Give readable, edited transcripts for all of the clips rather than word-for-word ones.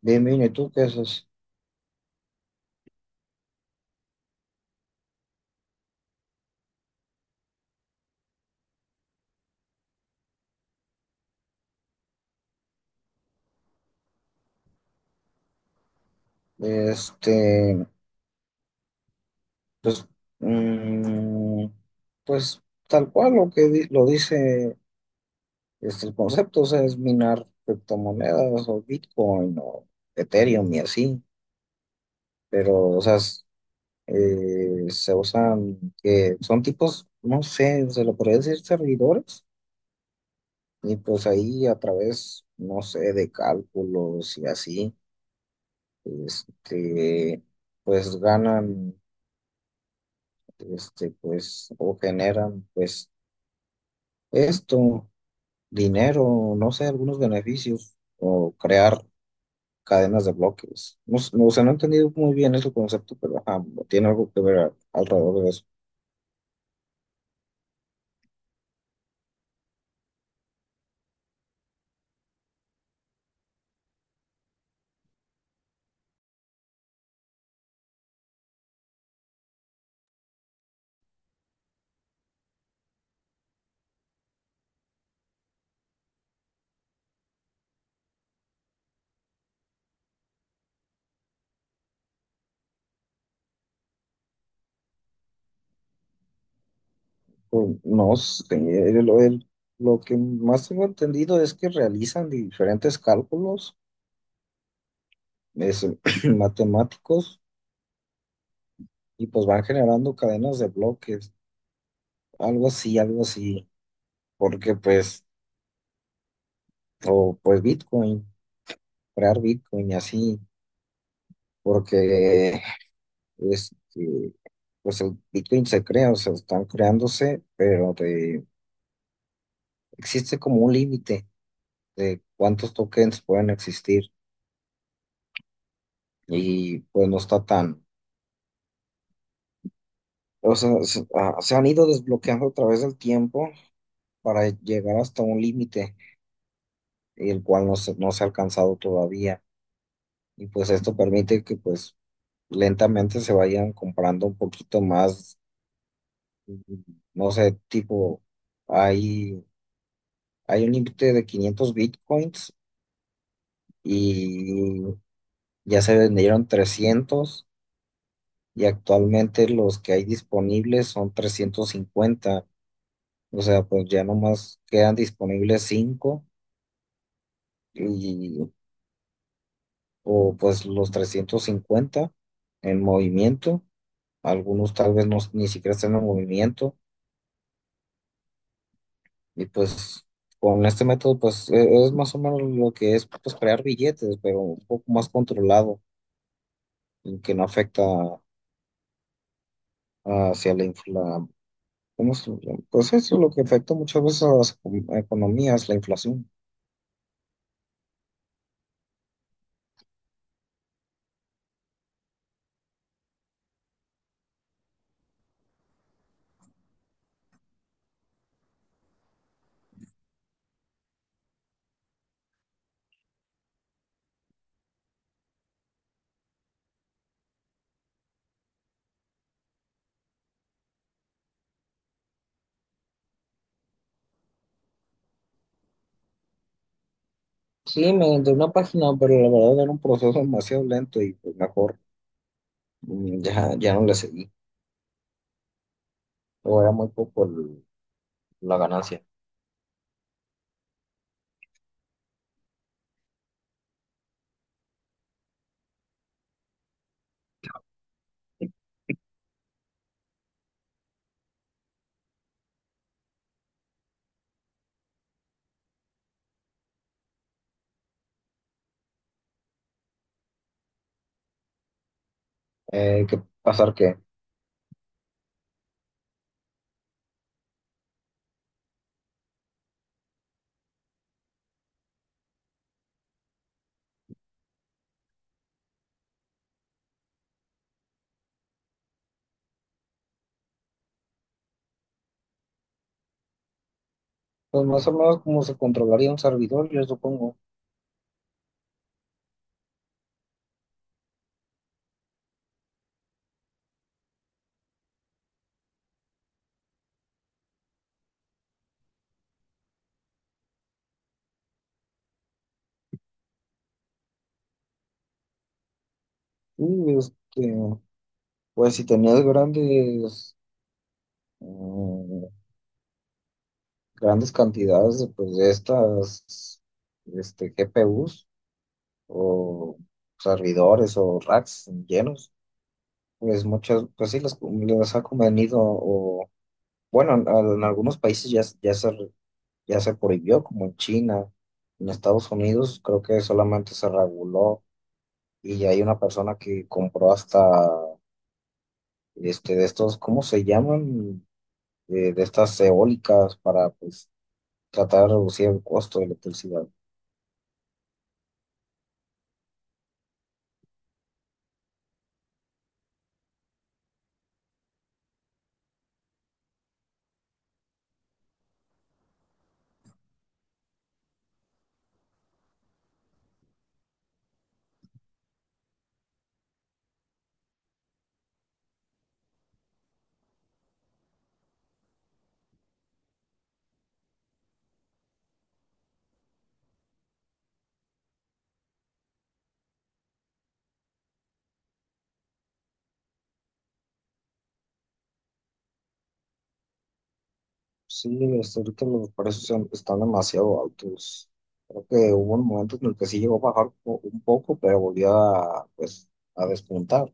Bien, bien, ¿y tú qué haces? Este, pues, mm, pues tal cual lo que lo dice el concepto, o sea, es minar criptomonedas o Bitcoin o Ethereum y así, pero, o sea, se usan, que son tipos, no sé, se lo podría decir servidores, y pues ahí a través, no sé, de cálculos y así, este, pues ganan. Pues, o generan, pues, esto, dinero, no sé, algunos beneficios, o crear cadenas de bloques. No, no, o sea, no he entendido muy bien ese concepto, pero ajá, tiene algo que ver alrededor de eso. Pues, no sé, lo que más tengo entendido es que realizan diferentes cálculos es, matemáticos y pues van generando cadenas de bloques, algo así, porque pues, o pues Bitcoin. Comprar Bitcoin y así, porque este, pues el Bitcoin se crea, o sea, están creándose, pero existe como un límite de cuántos tokens pueden existir y pues no está tan, o sea, se han ido desbloqueando a través del tiempo para llegar hasta un límite, el cual no se ha alcanzado todavía. Y pues esto permite que pues lentamente se vayan comprando un poquito más, mm, no sé, tipo. Hay Hay un límite de 500 bitcoins y ya se vendieron 300, y actualmente los que hay disponibles son 350. O sea, pues ya nomás quedan disponibles cinco, y o pues los 350 en movimiento. Algunos tal vez no, ni siquiera están en movimiento, y pues con este método pues es más o menos lo que es pues crear billetes, pero un poco más controlado y que no afecta hacia la infla, ¿cómo se llama? Pues eso es lo que afecta muchas veces a las economías, la inflación. Sí, me de una página, pero la verdad era un proceso demasiado lento y pues mejor, ya, ya no le seguí. O era muy poco la ganancia. ¿Qué pasar qué? Pues más o menos como se controlaría un servidor, yo supongo. Y pues si tenías grandes, mm, grandes cantidades de, pues, de estas GPUs o servidores o racks llenos. Pues muchas, pues sí, les ha convenido, o bueno, en algunos países ya, ya se prohibió, como en China. En Estados Unidos creo que solamente se reguló, y hay una persona que compró hasta de estos, ¿cómo se llaman? De estas eólicas, para pues tratar de reducir el costo de electricidad. Sí, ahorita los precios están demasiado altos. Creo que hubo un momento en el que sí llegó a bajar un poco, pero volvió a, pues, a despuntar.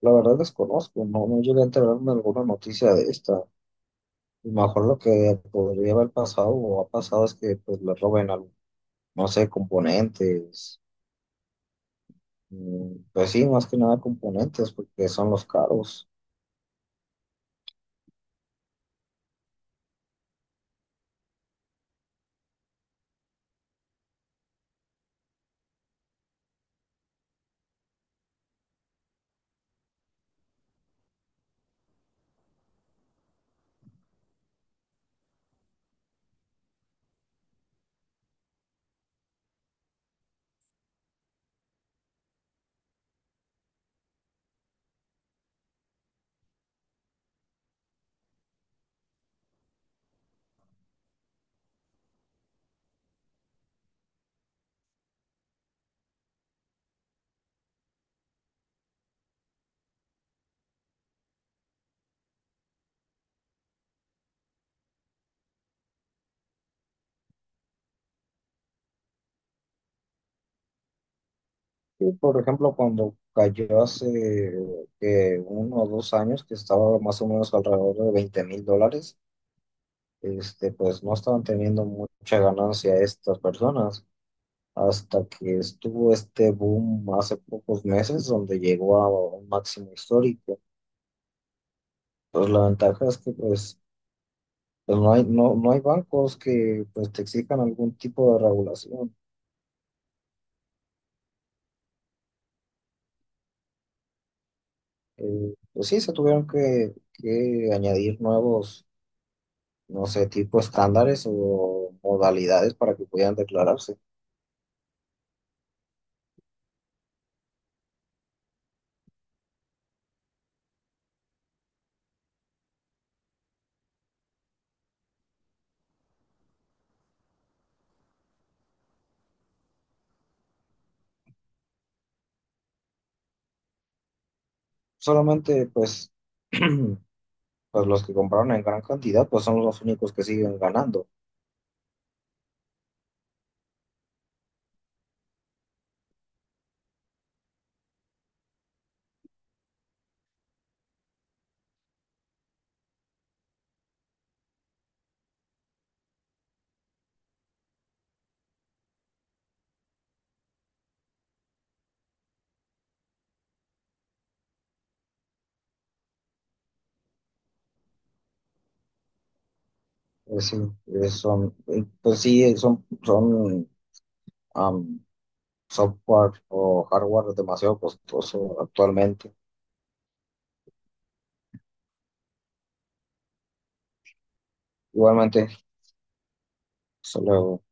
La verdad desconozco, no llegué a enterarme de alguna noticia de esta. Y mejor lo que podría haber pasado o ha pasado es que pues le roben algo, no sé, componentes. Mm, pues sí, más que nada componentes, porque son los caros. Sí, por ejemplo, cuando cayó hace uno o dos años, que estaba más o menos alrededor de $20,000, pues no estaban teniendo mucha ganancia estas personas, hasta que estuvo este boom hace pocos meses, donde llegó a un máximo histórico. Pues la ventaja es que pues, pues no hay, no hay bancos que pues te exijan algún tipo de regulación. Pues sí, se tuvieron que, añadir nuevos, no sé, tipo estándares o modalidades para que pudieran declararse. Solamente, pues, pues los que compraron en gran cantidad, pues son los únicos que siguen ganando. Es decir, son, pues sí, son am, software o hardware demasiado costoso actualmente. Igualmente, solo